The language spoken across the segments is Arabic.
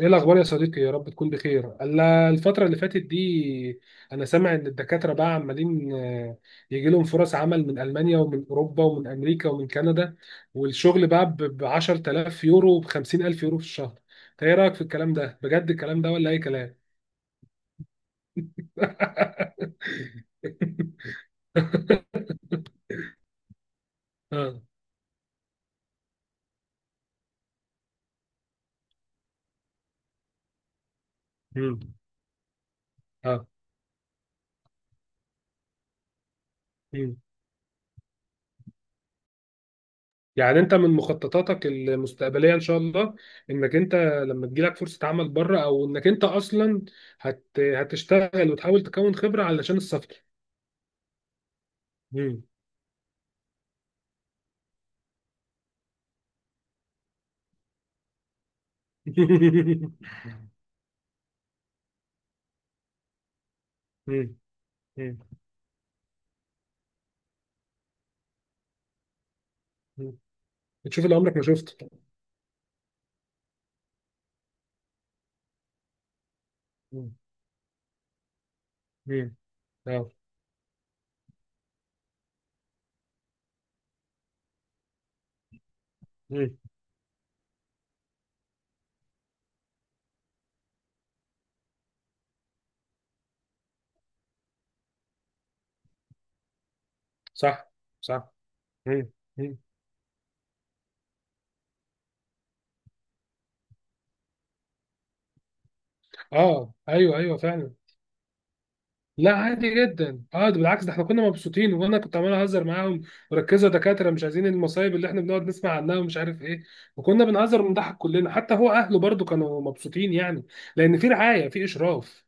ايه الاخبار يا صديقي؟ يا رب تكون بخير الا الفتره اللي فاتت دي. انا سامع ان الدكاتره بقى عمالين يجي لهم فرص عمل من المانيا ومن اوروبا ومن امريكا ومن كندا، والشغل بقى ب 10000 يورو، ب 50000 يورو في الشهر. انت ايه رايك في الكلام ده؟ بجد الكلام ده ولا اي كلام؟ اه. مم. اه، يعني انت من مخططاتك المستقبليه ان شاء الله، انك انت لما تجيلك فرصه عمل بره، او انك انت اصلا هتشتغل وتحاول تكون خبره علشان السفر. مم. مم. مم. مم. بتشوف اللي عمرك ما شفته. مم. مم. اه. مم. صح. صح. مم. مم. اه، ايوه ايوه فعلا. لا عادي جدا، اه، ده بالعكس، ده احنا كنا مبسوطين وانا كنت عمال اهزر معاهم، وركزوا يا دكاتره مش عايزين المصايب اللي احنا بنقعد نسمع عنها ومش عارف ايه. وكنا بنهزر ونضحك كلنا، حتى هو اهله برضو كانوا مبسوطين يعني، لان في رعايه، في اشراف.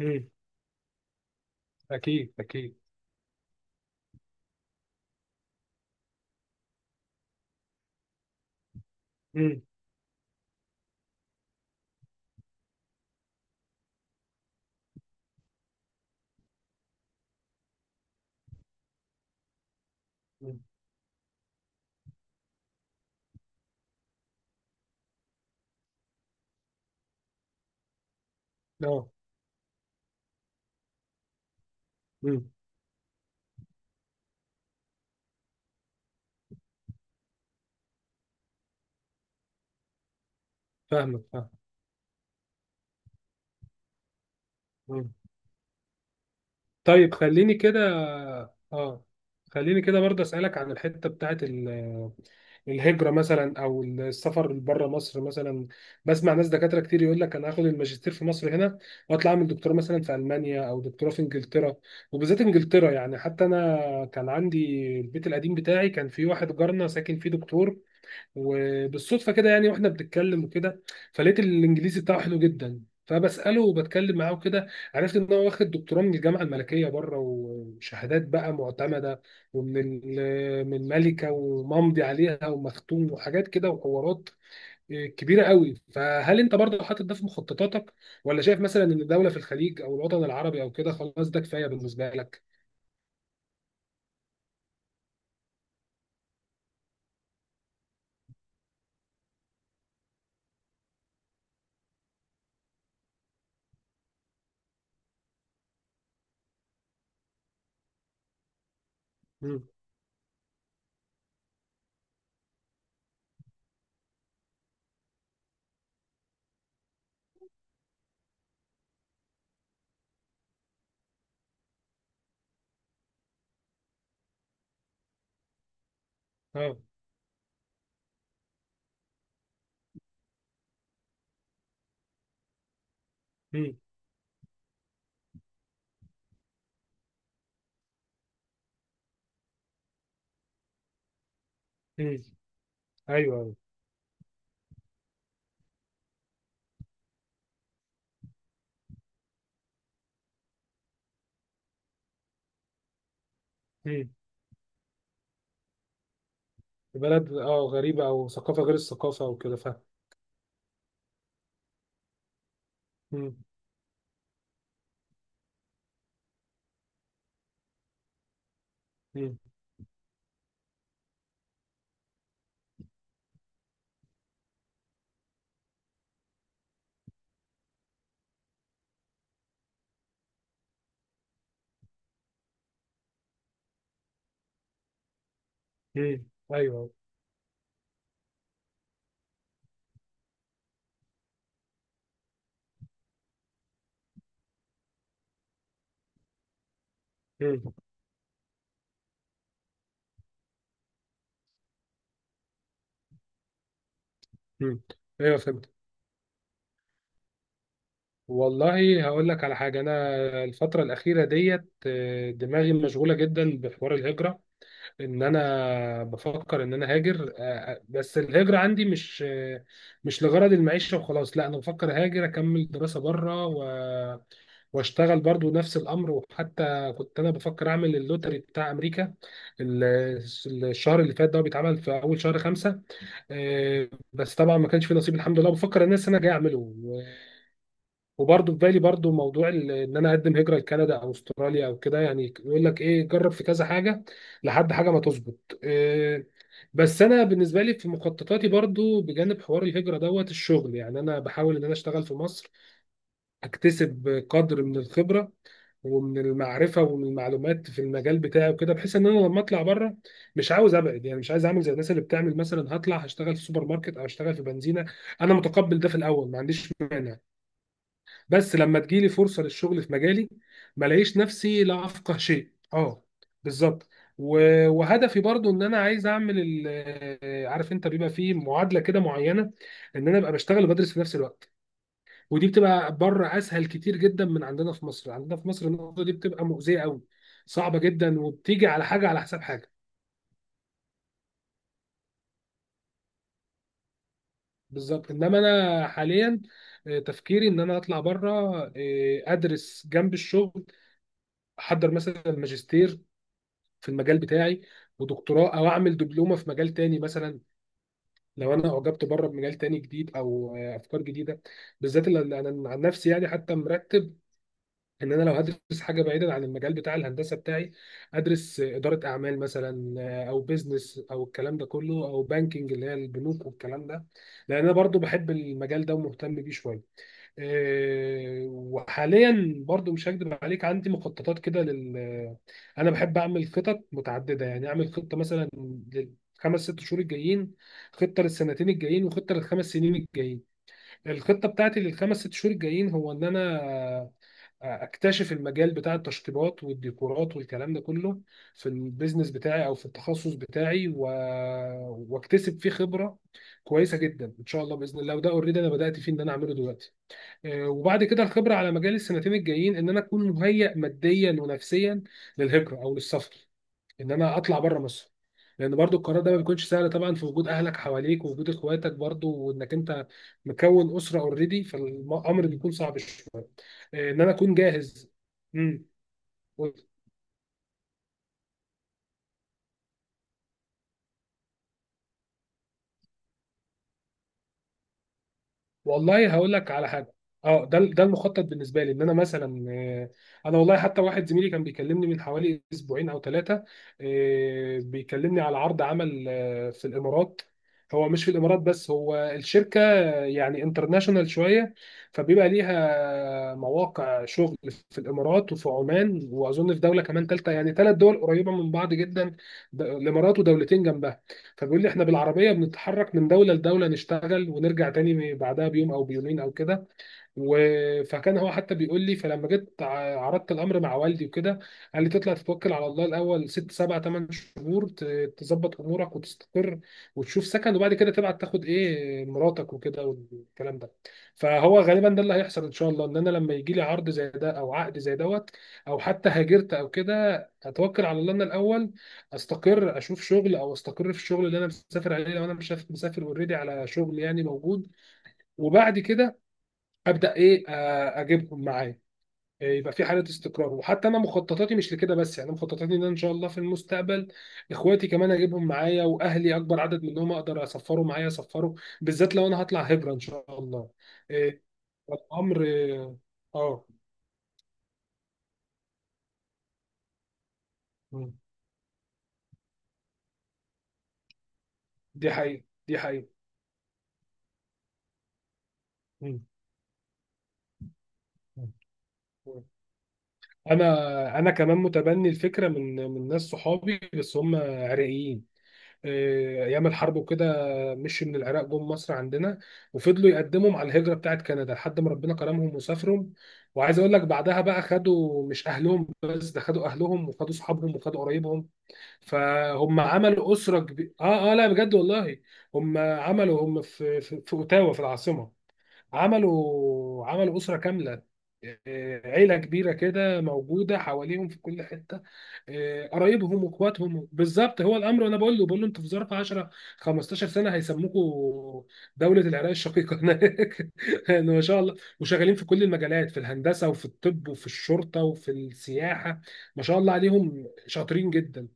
امم. اكيد اكيد. امم. أمم. اه. امم. فاهمك، فاهم. أمم. طيب خليني كده. اه، خليني كده برضه اسالك عن الحته بتاعت الهجرة مثلا، أو السفر بره مصر مثلا. بسمع ناس دكاترة كتير يقول لك أنا هاخد الماجستير في مصر هنا، وأطلع أعمل دكتوراه مثلا في ألمانيا، أو دكتوراه في إنجلترا. وبالذات إنجلترا يعني، حتى أنا كان عندي البيت القديم بتاعي، كان في واحد جارنا ساكن فيه دكتور، وبالصدفه كده يعني، واحنا بنتكلم وكده، فلقيت الانجليزي بتاعه حلو جدا، فبساله وبتكلم معاه وكده. عرفت ان هو واخد دكتوراه من الجامعه الملكيه بره، وشهادات بقى معتمده، من ملكه، وممضي عليها ومختوم وحاجات كده وحوارات كبيره قوي. فهل انت برضه حاطط ده في مخططاتك؟ ولا شايف مثلا ان دوله في الخليج او الوطن العربي او كده خلاص ده كفايه بالنسبه لك؟ مم. اه. مم. مم. ايوه ايوه، بلد اه غريبة أو ثقافة غير الثقافة وكده، فاهم. مم. مم. مم. أيوه. مم. مم. أيوه فهمت. والله هقول لك على حاجة. أنا الفترة الأخيرة ديت دماغي مشغولة جدا بحوار الهجرة، إن أنا بفكر إن أنا هاجر. بس الهجرة عندي مش لغرض المعيشة وخلاص، لا، أنا بفكر هاجر أكمل دراسة بره، واشتغل برضو نفس الامر. وحتى كنت انا بفكر اعمل اللوتري بتاع امريكا، ال- الشهر اللي فات ده هو بيتعمل في اول شهر خمسة. بس طبعا ما كانش في نصيب، الحمد لله، بفكر ان انا جاي اعمله. وبرضو في بالي برضو موضوع ان انا اقدم هجرة لكندا او استراليا او كده، يعني يقول لك ايه، جرب في كذا حاجة لحد حاجة ما تظبط بس انا بالنسبة لي في مخططاتي، برضو بجانب حوار الهجرة دوت الشغل. يعني انا بحاول ان انا اشتغل في مصر، اكتسب قدر من الخبره ومن المعرفه ومن المعلومات في المجال بتاعي وكده، بحيث ان انا لما اطلع بره مش عاوز ابعد. يعني مش عايز اعمل زي الناس اللي بتعمل مثلا هطلع هشتغل في سوبر ماركت او هشتغل في بنزينه. انا متقبل ده في الاول، ما عنديش مانع، بس لما تجيلي فرصه للشغل في مجالي ما الاقيش نفسي لا افقه شيء. اه بالظبط. وهدفي برضو ان انا عايز اعمل عارف انت بيبقى فيه معادله كده معينه، ان انا ابقى بشتغل وبدرس في نفس الوقت. ودي بتبقى بره اسهل كتير جدا من عندنا في مصر، عندنا في مصر النقطه دي بتبقى مؤذيه قوي، صعبه جدا، وبتيجي على حاجه على حساب حاجه. بالظبط. انما انا حاليا تفكيري ان انا اطلع بره، آه، ادرس جنب الشغل، احضر مثلا ماجستير في المجال بتاعي، ودكتوراه، او اعمل دبلومه في مجال تاني مثلا لو انا اعجبت بره بمجال تاني جديد، او افكار جديد جديده، بالذات اللي انا عن نفسي يعني. حتى مرتب ان انا لو هدرس حاجه بعيدا عن المجال بتاع الهندسه بتاعي، ادرس اداره اعمال مثلا، او بيزنس او الكلام ده كله، او بانكينج اللي هي البنوك والكلام ده، لان انا برضو بحب المجال ده ومهتم بيه شويه. وحاليا برضو مش هكدب عليك، عندي مخططات كده لل آه، انا بحب اعمل خطط متعدده، يعني اعمل خطه مثلا للخمس ست شهور الجايين، خطه للسنتين الجايين، وخطه للخمس سنين الجايين. الخطه بتاعتي للخمس ست شهور الجايين هو ان انا اكتشف المجال بتاع التشطيبات والديكورات والكلام ده كله في البيزنس بتاعي او في التخصص بتاعي واكتسب فيه خبره كويسه جدا ان شاء الله باذن الله. وده اوريدي انا بدات فيه ان انا اعمله دلوقتي. وبعد كده الخبره على مجال السنتين الجايين، ان انا اكون مهيئ ماديا ونفسيا للهجره او للسفر، ان انا اطلع بره مصر، لان برضو القرار ده ما بيكونش سهل طبعا في وجود اهلك حواليك، ووجود اخواتك برضو، وانك انت مكون اسره اوريدي، فالامر بيكون صعب. ان انا اكون جاهز. امم. والله هقول لك على حاجه. اه، ده ده المخطط بالنسبه لي، ان انا مثلا انا والله حتى واحد زميلي كان بيكلمني من حوالي اسبوعين او ثلاثه، بيكلمني على عرض عمل في الامارات. هو مش في الامارات بس، هو الشركه يعني انترناشونال شويه، فبيبقى ليها مواقع شغل في الامارات وفي عمان واظن في دوله كمان ثالثه، يعني ثلاث دول قريبه من بعض جدا، الامارات ودولتين جنبها. فبيقول لي احنا بالعربيه بنتحرك من دوله لدوله، نشتغل ونرجع تاني بعدها بيوم او بيومين او كده و... فكان هو حتى بيقول لي. فلما جيت عرضت الامر مع والدي وكده، قال لي تطلع تتوكل على الله الاول ست سبع ثمان شهور، تظبط امورك وتستقر وتشوف سكن، وبعد كده تبعت تاخد ايه مراتك وكده والكلام ده. فهو غالبا ده اللي هيحصل ان شاء الله، ان انا لما يجي لي عرض زي ده او عقد زي دوت، او حتى هاجرت او كده، اتوكل على الله انا الاول، استقر اشوف شغل، او استقر في الشغل اللي انا مسافر عليه لو انا مش مسافر اوريدي على شغل يعني موجود. وبعد كده ابدا ايه اجيبهم معايا. يبقى في حاله استقرار. وحتى انا مخططاتي مش لكده بس، يعني مخططاتي ان أنا ان شاء الله في المستقبل اخواتي كمان اجيبهم معايا، واهلي اكبر عدد منهم اقدر اسفره معايا اسفره، بالذات لو انا هطلع هجره ان شاء الله. إيه، الامر، اه، آه، مم، دي حقيقه دي حقيقه. مم، مم. انا انا كمان متبني الفكره من ناس صحابي، بس هم عراقيين. ايام الحرب وكده مشي من العراق جم مصر عندنا، وفضلوا يقدموا مع الهجره بتاعت كندا لحد ما ربنا كرمهم وسافرهم. وعايز اقول لك بعدها بقى خدوا مش اهلهم بس، ده خدوا اهلهم وخدوا صحابهم وخدوا قرايبهم، فهم عملوا اسره كبيره. اه اه، لا بجد والله، هم عملوا، هم في اوتاوا في العاصمه، عملوا عملوا أسرة كاملة. عيلة كبيرة كده موجودة حواليهم في كل حتة، قرايبهم واخواتهم، بالظبط هو الأمر. وأنا بقول له بقول له أنتوا في ظرف 10 15 سنة هيسموكوا دولة العراق الشقيقة هناك يعني، ما شاء الله، وشغالين في كل المجالات، في الهندسة وفي الطب وفي الشرطة وفي السياحة، ما شاء الله عليهم شاطرين جدا.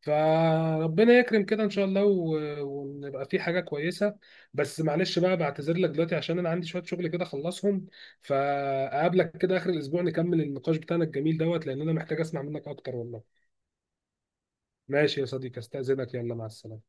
فربنا يكرم كده ان شاء الله ونبقى في حاجه كويسه. بس معلش بقى، بعتذر لك دلوقتي عشان انا عندي شويه شغل كده اخلصهم، فاقابلك كده اخر الاسبوع نكمل النقاش بتاعنا الجميل دوت، لان انا محتاج اسمع منك اكتر والله. ماشي يا صديقي، استاذنك، يلا مع السلامه.